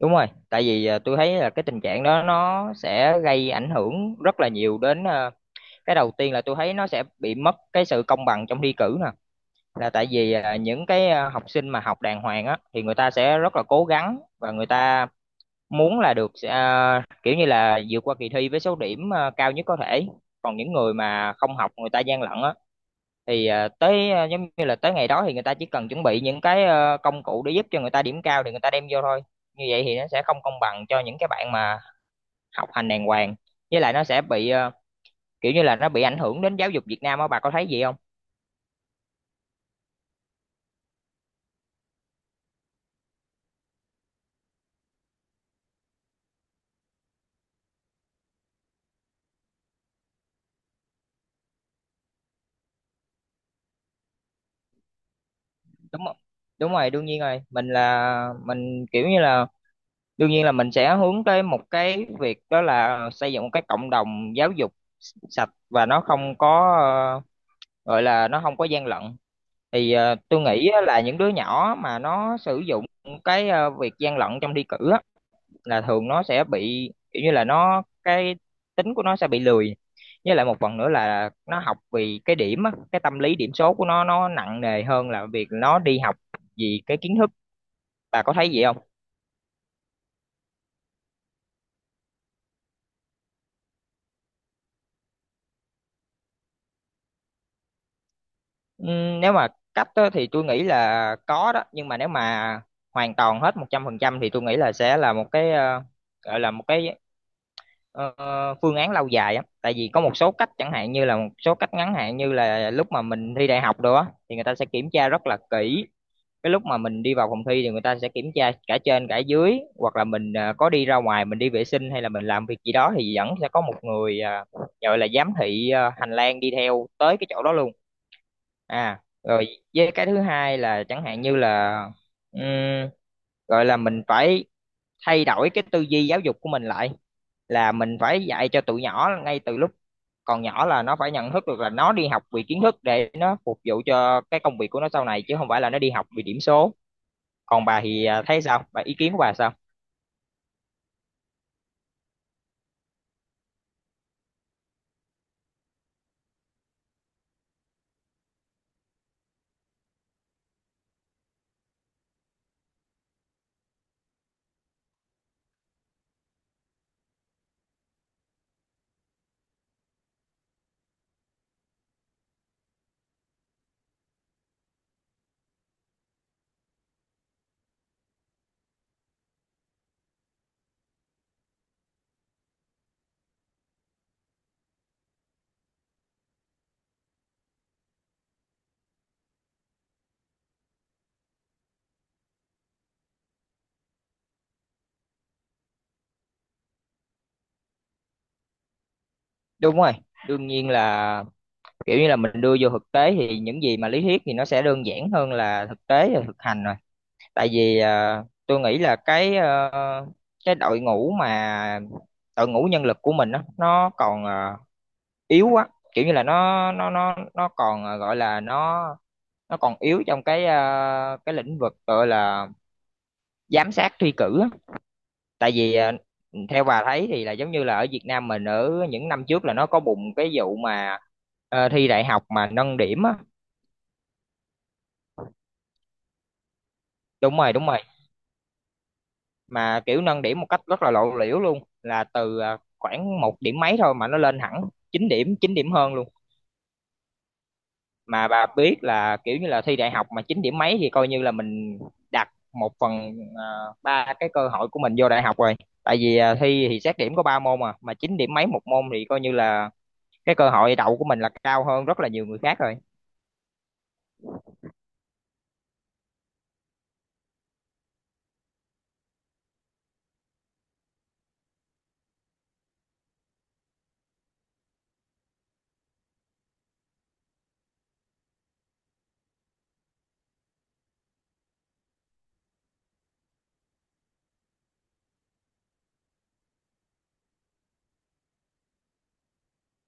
Đúng rồi, tại vì tôi thấy là cái tình trạng đó nó sẽ gây ảnh hưởng rất là nhiều đến cái đầu tiên là tôi thấy nó sẽ bị mất cái sự công bằng trong thi cử nè, là tại vì những cái học sinh mà học đàng hoàng á thì người ta sẽ rất là cố gắng và người ta muốn là được kiểu như là vượt qua kỳ thi với số điểm cao nhất có thể. Còn những người mà không học người ta gian lận á thì tới giống như là tới ngày đó thì người ta chỉ cần chuẩn bị những cái công cụ để giúp cho người ta điểm cao thì người ta đem vô thôi, như vậy thì nó sẽ không công bằng cho những cái bạn mà học hành đàng hoàng. Với lại nó sẽ bị kiểu như là nó bị ảnh hưởng đến giáo dục Việt Nam á, bà có thấy gì không? Đúng không? Đúng rồi, đương nhiên rồi, mình là mình kiểu như là đương nhiên là mình sẽ hướng tới một cái việc đó là xây dựng một cái cộng đồng giáo dục sạch và nó không có, ờ, gọi là nó không có gian lận. Thì tôi nghĩ á là những đứa nhỏ mà nó sử dụng cái việc gian lận trong thi cử á, là thường nó sẽ bị kiểu như là nó cái tính của nó sẽ bị lười, với lại một phần nữa là nó học vì cái điểm á, cái tâm lý điểm số của nó nặng nề hơn là việc nó đi học vì cái kiến thức. Bà có thấy vậy không? Nếu mà cách á, thì tôi nghĩ là có đó, nhưng mà nếu mà hoàn toàn hết một trăm phần trăm thì tôi nghĩ là sẽ là một cái gọi là một cái, ờ, phương án lâu dài á, tại vì có một số cách, chẳng hạn như là một số cách ngắn hạn như là lúc mà mình thi đại học đồ á thì người ta sẽ kiểm tra rất là kỹ cái lúc mà mình đi vào phòng thi, thì người ta sẽ kiểm tra cả trên cả dưới, hoặc là mình có đi ra ngoài mình đi vệ sinh hay là mình làm việc gì đó thì vẫn sẽ có một người gọi là giám thị hành lang đi theo tới cái chỗ đó luôn. À rồi, với cái thứ hai là chẳng hạn như là, ừm, gọi là mình phải thay đổi cái tư duy giáo dục của mình lại, là mình phải dạy cho tụi nhỏ ngay từ lúc còn nhỏ là nó phải nhận thức được là nó đi học vì kiến thức để nó phục vụ cho cái công việc của nó sau này, chứ không phải là nó đi học vì điểm số. Còn bà thì thấy sao, bà ý kiến của bà sao? Đúng rồi, đương nhiên là kiểu như là mình đưa vô thực tế thì những gì mà lý thuyết thì nó sẽ đơn giản hơn là thực tế và thực hành rồi. Tại vì tôi nghĩ là cái cái đội ngũ mà đội ngũ nhân lực của mình á nó còn yếu quá, kiểu như là nó còn gọi là nó còn yếu trong cái cái lĩnh vực gọi là giám sát thi cử á. Tại vì theo bà thấy thì là giống như là ở Việt Nam mình, ở những năm trước là nó có bùng cái vụ mà thi đại học mà nâng điểm á. Đúng rồi, đúng rồi, mà kiểu nâng điểm một cách rất là lộ liễu luôn, là từ khoảng một điểm mấy thôi mà nó lên hẳn 9 điểm, 9 điểm hơn luôn. Mà bà biết là kiểu như là thi đại học mà chín điểm mấy thì coi như là mình đặt một phần ba cái cơ hội của mình vô đại học rồi. Tại vì thi thì xét điểm có ba môn, mà chín điểm mấy một môn thì coi như là cái cơ hội đậu của mình là cao hơn rất là nhiều người khác rồi.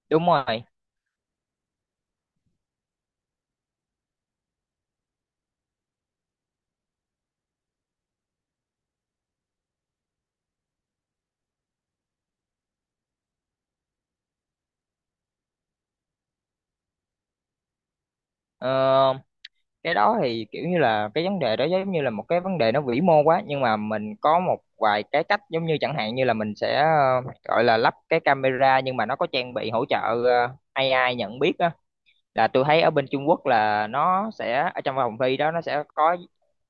Đúng rồi. Ờ, cái đó thì kiểu như là cái vấn đề đó giống như là một cái vấn đề nó vĩ mô quá, nhưng mà mình có một vài cái cách, giống như chẳng hạn như là mình sẽ gọi là lắp cái camera nhưng mà nó có trang bị hỗ trợ AI nhận biết á. Là tôi thấy ở bên Trung Quốc là nó sẽ ở trong phòng thi đó, nó sẽ có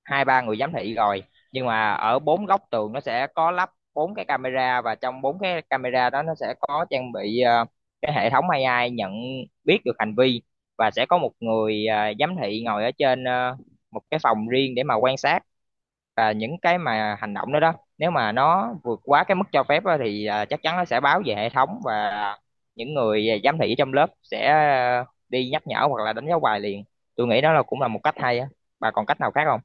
hai ba người giám thị rồi, nhưng mà ở bốn góc tường nó sẽ có lắp bốn cái camera, và trong bốn cái camera đó nó sẽ có trang bị cái hệ thống AI nhận biết được hành vi, và sẽ có một người giám thị ngồi ở trên một cái phòng riêng để mà quan sát. Và những cái mà hành động đó đó, nếu mà nó vượt quá cái mức cho phép á, thì chắc chắn nó sẽ báo về hệ thống, và những người giám thị trong lớp sẽ đi nhắc nhở hoặc là đánh dấu bài liền. Tôi nghĩ đó là cũng là một cách hay á. Bà còn cách nào khác không?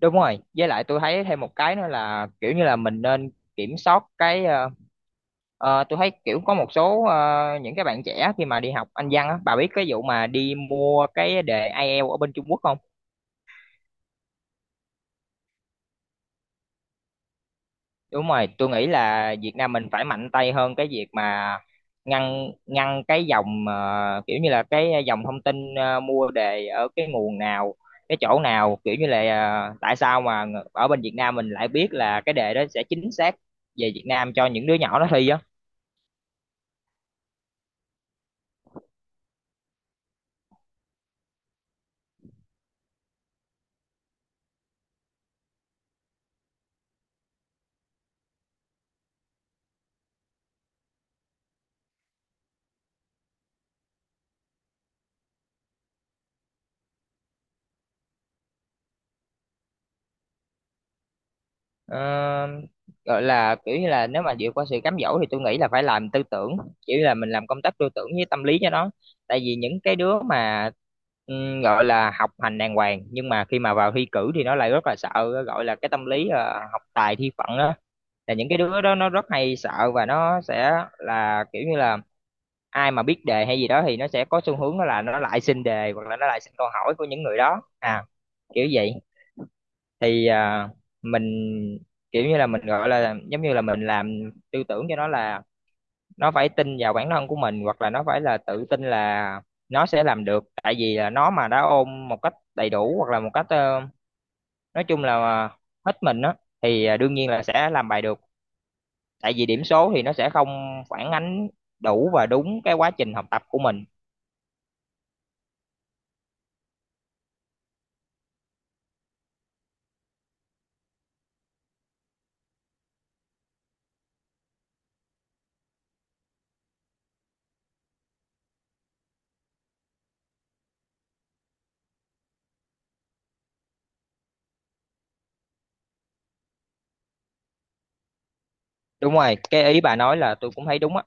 Đúng rồi, với lại tôi thấy thêm một cái nữa là kiểu như là mình nên kiểm soát cái tôi thấy kiểu có một số những cái bạn trẻ khi mà đi học Anh văn á, bà biết cái vụ mà đi mua cái đề IELTS ở bên Trung Quốc không? Đúng rồi, tôi nghĩ là Việt Nam mình phải mạnh tay hơn cái việc mà ngăn ngăn cái dòng kiểu như là cái dòng thông tin mua đề ở cái nguồn nào, cái chỗ nào, kiểu như là tại sao mà ở bên Việt Nam mình lại biết là cái đề đó sẽ chính xác về Việt Nam cho những đứa nhỏ nó thi á. Ờ, gọi là kiểu như là nếu mà vượt qua sự cám dỗ thì tôi nghĩ là phải làm tư tưởng, chỉ là mình làm công tác tư tưởng với tâm lý cho nó. Tại vì những cái đứa mà, gọi là học hành đàng hoàng, nhưng mà khi mà vào thi cử thì nó lại rất là sợ, gọi là cái tâm lý học tài thi phận á, là những cái đứa đó nó rất hay sợ và nó sẽ là kiểu như là ai mà biết đề hay gì đó thì nó sẽ có xu hướng đó là nó lại xin đề hoặc là nó lại xin câu hỏi của những người đó, à, kiểu vậy. Thì mình kiểu như là mình gọi là giống như là mình làm tư tưởng cho nó là nó phải tin vào bản thân của mình hoặc là nó phải là tự tin là nó sẽ làm được. Tại vì là nó mà đã ôm một cách đầy đủ hoặc là một cách nói chung là hết mình á, thì đương nhiên là sẽ làm bài được. Tại vì điểm số thì nó sẽ không phản ánh đủ và đúng cái quá trình học tập của mình. Đúng rồi, cái ý bà nói là tôi cũng thấy đúng á.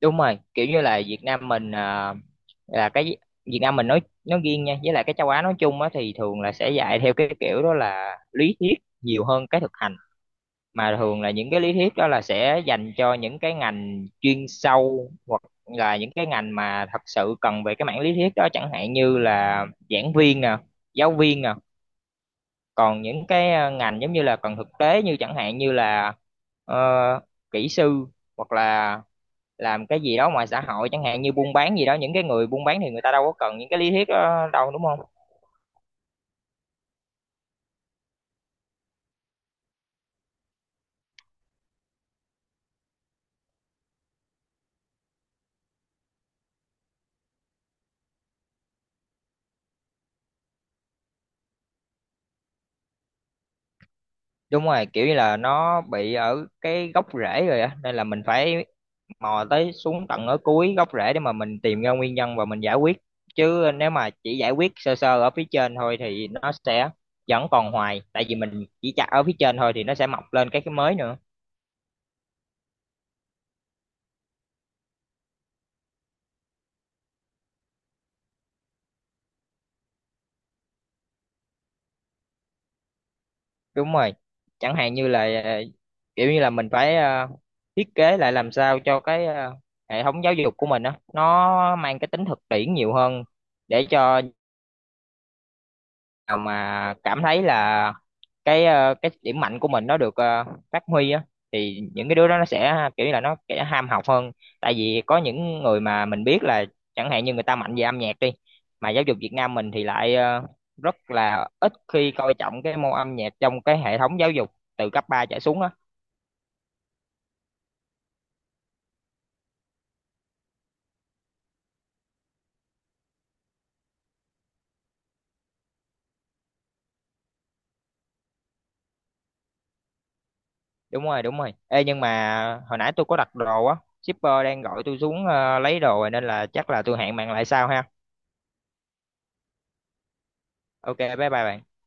Đúng rồi, kiểu như là Việt Nam mình là cái Việt Nam mình nói riêng nha, với lại cái châu Á nói chung á, thì thường là sẽ dạy theo cái kiểu đó là lý thuyết nhiều hơn cái thực hành. Mà thường là những cái lý thuyết đó là sẽ dành cho những cái ngành chuyên sâu hoặc là những cái ngành mà thật sự cần về cái mảng lý thuyết đó, chẳng hạn như là giảng viên nè, giáo viên nè. Còn những cái ngành giống như là cần thực tế, như chẳng hạn như là ờ, kỹ sư, hoặc là làm cái gì đó ngoài xã hội, chẳng hạn như buôn bán gì đó, những cái người buôn bán thì người ta đâu có cần những cái lý thuyết đó đâu, đúng không? Đúng rồi, kiểu như là nó bị ở cái gốc rễ rồi á, nên là mình phải mò tới xuống tận ở cuối gốc rễ để mà mình tìm ra nguyên nhân và mình giải quyết. Chứ nếu mà chỉ giải quyết sơ sơ ở phía trên thôi thì nó sẽ vẫn còn hoài, tại vì mình chỉ chặt ở phía trên thôi thì nó sẽ mọc lên cái mới nữa. Đúng rồi, chẳng hạn như là kiểu như là mình phải thiết kế lại làm sao cho cái hệ thống giáo dục của mình á nó mang cái tính thực tiễn nhiều hơn, để cho nào mà cảm thấy là cái cái điểm mạnh của mình nó được phát huy á, thì những cái đứa đó nó sẽ kiểu như là nó sẽ ham học hơn. Tại vì có những người mà mình biết là chẳng hạn như người ta mạnh về âm nhạc đi, mà giáo dục Việt Nam mình thì lại rất là ít khi coi trọng cái môn âm nhạc trong cái hệ thống giáo dục từ cấp 3 trở xuống á. Đúng rồi, đúng rồi, ê nhưng mà hồi nãy tôi có đặt đồ á, shipper đang gọi tôi xuống lấy đồ rồi, nên là chắc là tôi hẹn bạn lại sau ha. Ok, bye bye bạn.